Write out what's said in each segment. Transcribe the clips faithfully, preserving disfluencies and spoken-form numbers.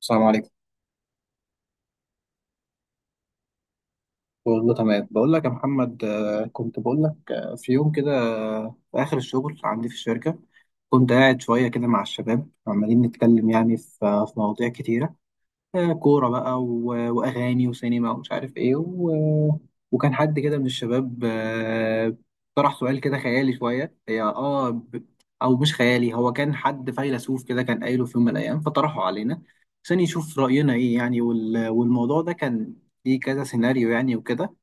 السلام عليكم. والله تمام. بقول لك يا محمد، آه، كنت بقول لك آه، في يوم كده، آه، في آخر الشغل عندي في الشركة. كنت قاعد شوية كده مع الشباب عمالين نتكلم يعني في آه، في مواضيع كتيرة. آه، كورة بقى و- وأغاني وسينما ومش عارف إيه و... وكان حد كده من الشباب، آه، طرح سؤال كده خيالي شوية. هي آه ب... أو مش خيالي، هو كان حد فيلسوف كده كان قايله في يوم من الأيام، فطرحه علينا عشان يشوف رأينا إيه يعني. وال... والموضوع ده كان ليه كذا سيناريو يعني وكده.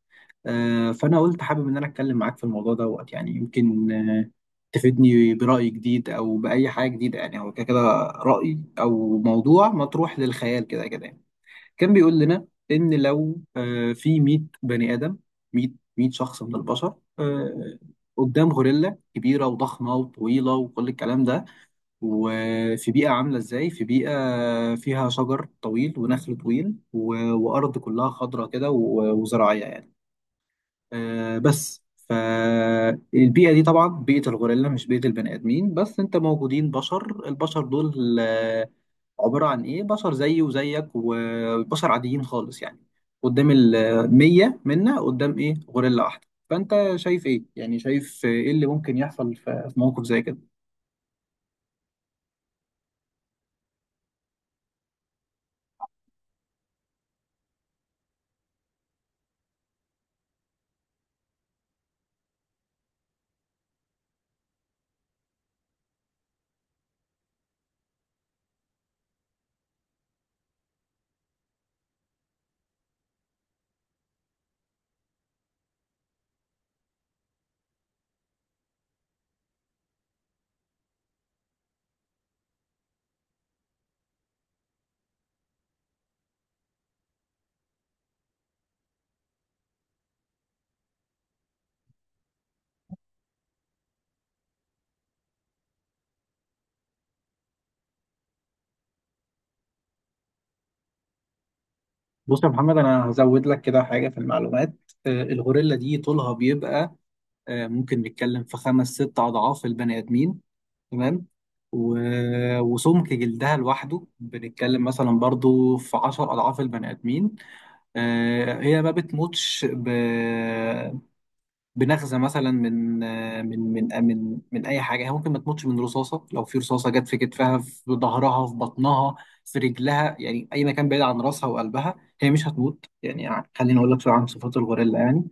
آه، فأنا قلت حابب إن أنا أتكلم معاك في الموضوع دوت، يعني يمكن آه، تفيدني برأي جديد أو بأي حاجة جديدة، يعني هو كده كده، رأي أو موضوع مطروح للخيال كده كده يعني. كان بيقول لنا ان لو، آه، في ميت بني ادم، ميت، ميت شخص من البشر، آه، قدام غوريلا كبيره وضخمه وطويله وكل الكلام ده، وفي بيئه عامله ازاي، في بيئه فيها شجر طويل ونخل طويل و- وارض كلها خضراء كده و- وزراعيه يعني، آه بس. فالبيئة دي طبعا بيئة الغوريلا، مش بيئة البني آدمين، بس انت موجودين بشر، البشر دول آه، عبارة عن ايه، بشر زيي وزيك وبشر عاديين خالص يعني. قدام المية منا، قدام ايه، غوريلا واحدة، فانت شايف ايه يعني، شايف ايه اللي ممكن يحصل في في موقف زي كده؟ بص يا محمد، انا هزود لك كده حاجة في المعلومات. آه، الغوريلا دي طولها بيبقى آه، ممكن نتكلم في خمس ست أضعاف البني آدمين، تمام. و- وسمك جلدها لوحده بنتكلم مثلا برضو في عشر أضعاف البني آدمين. آه، هي ما بتموتش ب... بنغزه مثلا من من من من من اي حاجه. هي ممكن ما تموتش من رصاصه، لو في رصاصه جت في كتفها، في ظهرها، في بطنها، في رجلها، يعني اي مكان بعيد عن راسها وقلبها، هي مش هتموت. يعني خليني اقول لك شويه عن صفات الغوريلا يعني.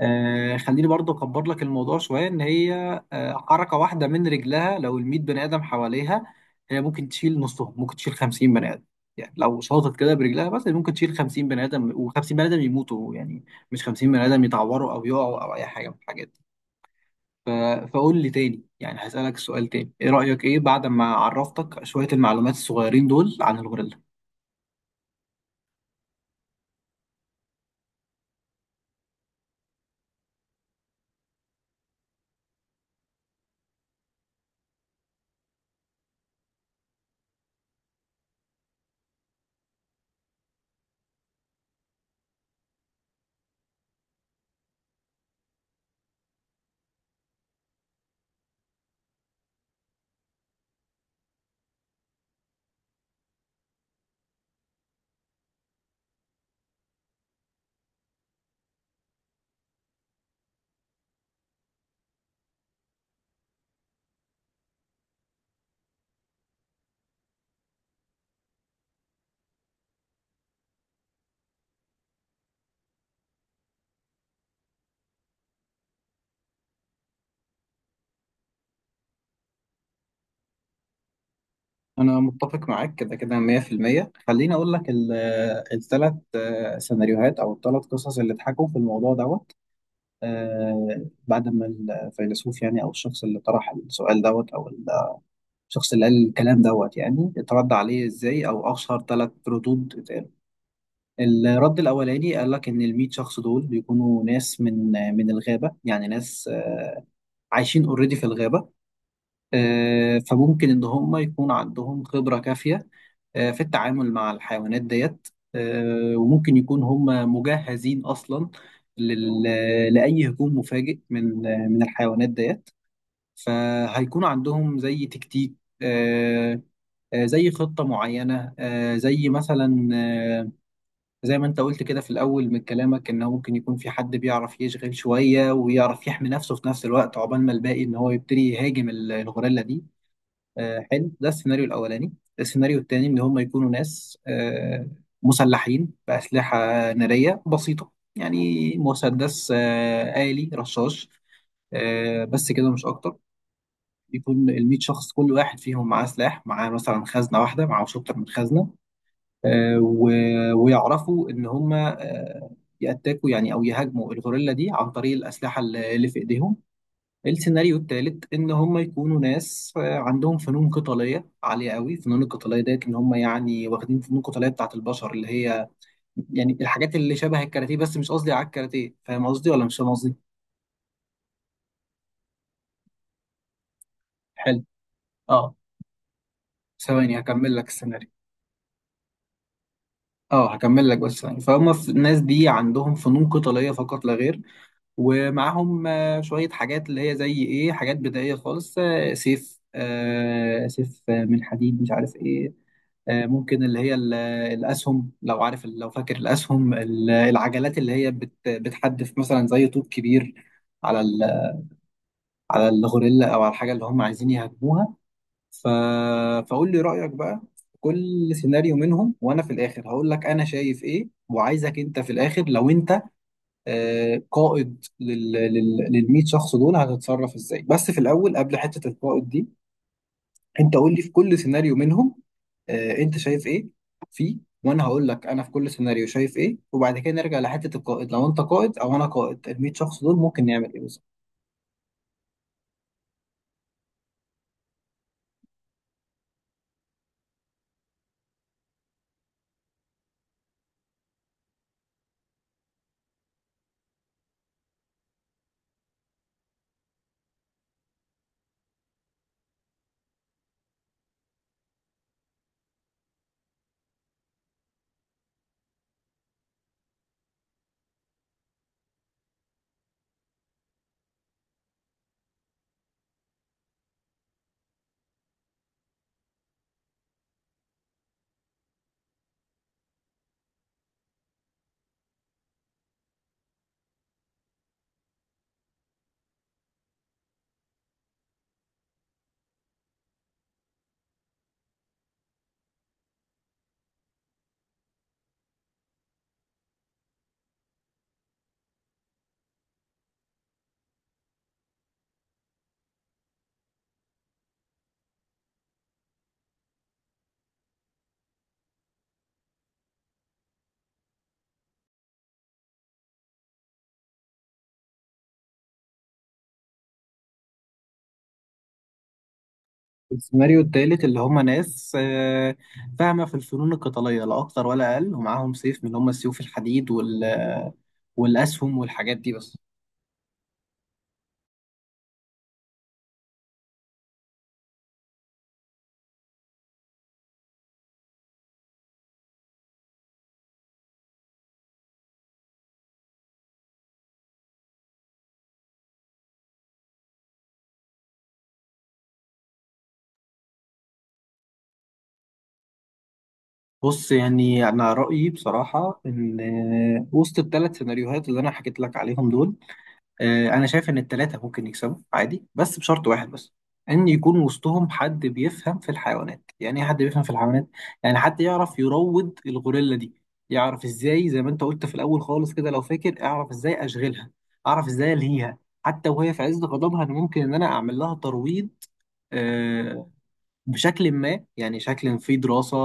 آه خليني برضو اكبر لك الموضوع شويه، ان هي آه حركه واحده من رجلها لو ال ميت بني ادم حواليها، هي ممكن تشيل نصهم، ممكن تشيل خمسين بني ادم. يعني لو شاطت كده برجلها بس، ممكن تشيل خمسين بني ادم و50 بني ادم يموتوا يعني، مش خمسين بني آدم يتعوروا أو يقعوا أو أي حاجة من الحاجات دي. ف... فقول لي تاني يعني، هسألك السؤال تاني، إيه رأيك إيه بعد ما عرفتك شوية المعلومات الصغيرين دول عن الغوريلا؟ أنا متفق معاك كده كده مية في المية. خليني أقول لك الثلاث سيناريوهات أو الثلاث قصص اللي اتحكوا في الموضوع دوت. آه، بعد ما الفيلسوف يعني، أو الشخص اللي طرح السؤال دوت، أو ال- الشخص اللي قال الكلام دوت، يعني اترد عليه إزاي، أو أشهر ثلاث ردود. الرد الأولاني قال لك إن الميت شخص دول بيكونوا ناس من من الغابة، يعني ناس آه، عايشين اوريدي في الغابة. آه، فممكن إن هم يكون عندهم خبرة كافية آه، في التعامل مع الحيوانات ديت. آه، وممكن يكون هم مجهزين أصلا لل- لأي هجوم مفاجئ من آه، من الحيوانات ديت. فهيكون عندهم زي تكتيك، آه، آه، زي خطة معينة، آه، زي مثلا آه، زي ما انت قلت كده في الاول من كلامك، ان هو ممكن يكون في حد بيعرف يشغل شويه ويعرف يحمي نفسه في نفس الوقت، عقبال ما الباقي ان هو يبتدي يهاجم ال- الغوريلا دي. آه حلو، ده السيناريو الاولاني. السيناريو الثاني ان هم يكونوا ناس آه مسلحين باسلحه ناريه بسيطه، يعني مسدس آه آلي رشاش، آه بس كده مش اكتر. يكون ال ميت شخص كل واحد فيهم معاه سلاح، معاه مثلا خزنه واحده، معهوش اكتر من خزنه. آه، و- ويعرفوا ان هم آه، يأتاكوا يعني، او يهاجموا الغوريلا دي عن طريق الاسلحه اللي اللي في ايديهم. السيناريو الثالث ان هم يكونوا ناس آه، عندهم فنون قتاليه عاليه قوي، فنون القتاليه ديت ان هم يعني واخدين فنون قتاليه بتاعت البشر، اللي هي يعني الحاجات اللي شبه الكاراتيه، بس مش قصدي على الكاراتيه، فاهم قصدي ولا مش فاهم قصدي؟ حلو. اه ثواني هكمل لك السيناريو. اه هكمل لك بس ثواني. فهم في- الناس دي عندهم فنون قتاليه فقط لا غير، ومعاهم آه، شوية حاجات اللي هي زي ايه، حاجات بدائية خالص، آه، سيف آه، سيف آه، من حديد، مش عارف ايه. آه، ممكن اللي هي ال- الأسهم، لو عارف لو فاكر، الأسهم ال- العجلات اللي هي بت- بتحدف مثلا زي طوب كبير على ال- على الغوريلا أو على الحاجة اللي هم عايزين يهاجموها. ف... فقول لي رأيك بقى في كل سيناريو منهم، وأنا في الآخر هقول لك أنا شايف ايه، وعايزك أنت في الآخر لو أنت آه، قائد لل لل لل ميت شخص دول، هتتصرف ازاي؟ بس في الاول، قبل حته القائد دي، انت قول لي في كل سيناريو منهم آه، انت شايف ايه فيه، وانا هقول لك انا في كل سيناريو شايف ايه. وبعد كده نرجع لحته القائد، لو انت قائد او انا قائد ال مية شخص دول ممكن نعمل ايه بالظبط. السيناريو التالت اللي هم ناس آه، فاهمه في الفنون القتاليه لا اكتر ولا اقل، ومعاهم سيف من اللي هم السيوف الحديد وال والاسهم والحاجات دي بس. بص يعني انا رايي بصراحه، ان آه، وسط الثلاث سيناريوهات اللي انا حكيت لك عليهم دول، آه، انا شايف ان الثلاثه ممكن يكسبوا عادي، بس بشرط واحد بس، ان يكون وسطهم حد بيفهم في الحيوانات. يعني ايه حد بيفهم في الحيوانات؟ يعني حد يعرف يروض الغوريلا دي، يعرف ازاي، زي ما انت قلت في الاول خالص كده لو فاكر، اعرف ازاي اشغلها، اعرف ازاي الهيها، حتى وهي في عز غضبها، انا ممكن ان انا اعمل لها ترويض آه، بشكل ما، يعني شكل في دراسة،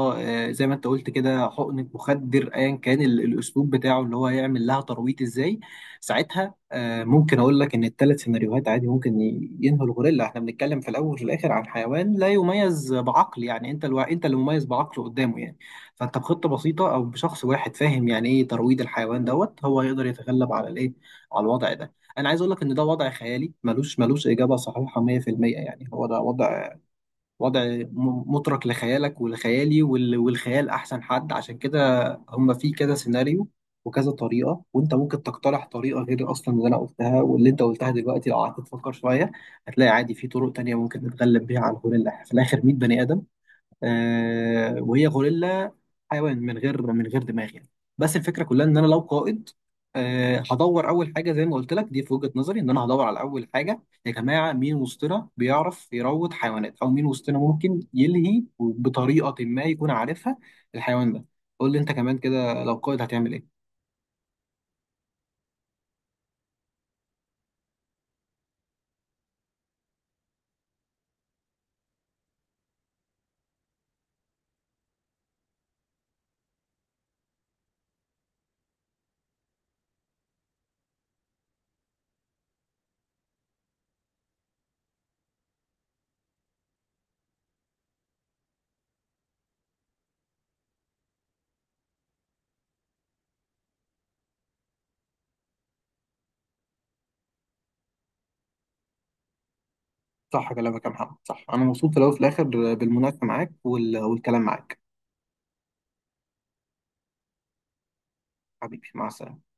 آه، زي ما انت قلت كده، حقنة مخدر، ايا كان ال- الاسلوب بتاعه اللي هو هيعمل لها ترويض ازاي. ساعتها آه، ممكن اقول لك ان الثلاث سيناريوهات عادي ممكن ي- ينهوا الغوريلا. احنا بنتكلم في الاول وفي الاخر عن حيوان لا يميز بعقل، يعني انت الو... انت اللي مميز بعقله قدامه يعني. فانت بخطة بسيطة او بشخص واحد فاهم يعني ايه ترويض الحيوان دوت، هو يقدر يتغلب على الايه، على الوضع ده. انا عايز اقول لك ان ده وضع خيالي، ملوش ملوش اجابة صحيحة مية في المية. يعني هو ده وضع، وضع م- مترك لخيالك ولخيالي وال- والخيال احسن حد، عشان كده هم في كذا سيناريو وكذا طريقه. وانت ممكن تقترح طريقه غير اصلا اللي انا قلتها واللي انت قلتها دلوقتي، لو قعدت تفكر شويه هتلاقي عادي في طرق تانية ممكن نتغلب بيها على الهول، اللي في الاخر ميت بني ادم، آه وهي غوريلا، حيوان من غير من غير دماغ يعني. بس الفكره كلها، ان انا لو قائد، آه هدور اول حاجه. زي ما قلت لك دي في وجهه نظري، ان انا هدور على اول حاجه، يا جماعه مين وسطنا بيعرف يروض حيوانات، او مين وسطنا ممكن يلهي بطريقه ما يكون عارفها الحيوان ده. قول لي انت كمان كده، لو قائد هتعمل ايه؟ صح كلامك يا محمد، صح. انا مبسوط في الاول وفي الاخر بالمناقشه معاك وال- والكلام معاك. حبيبي، مع السلامه.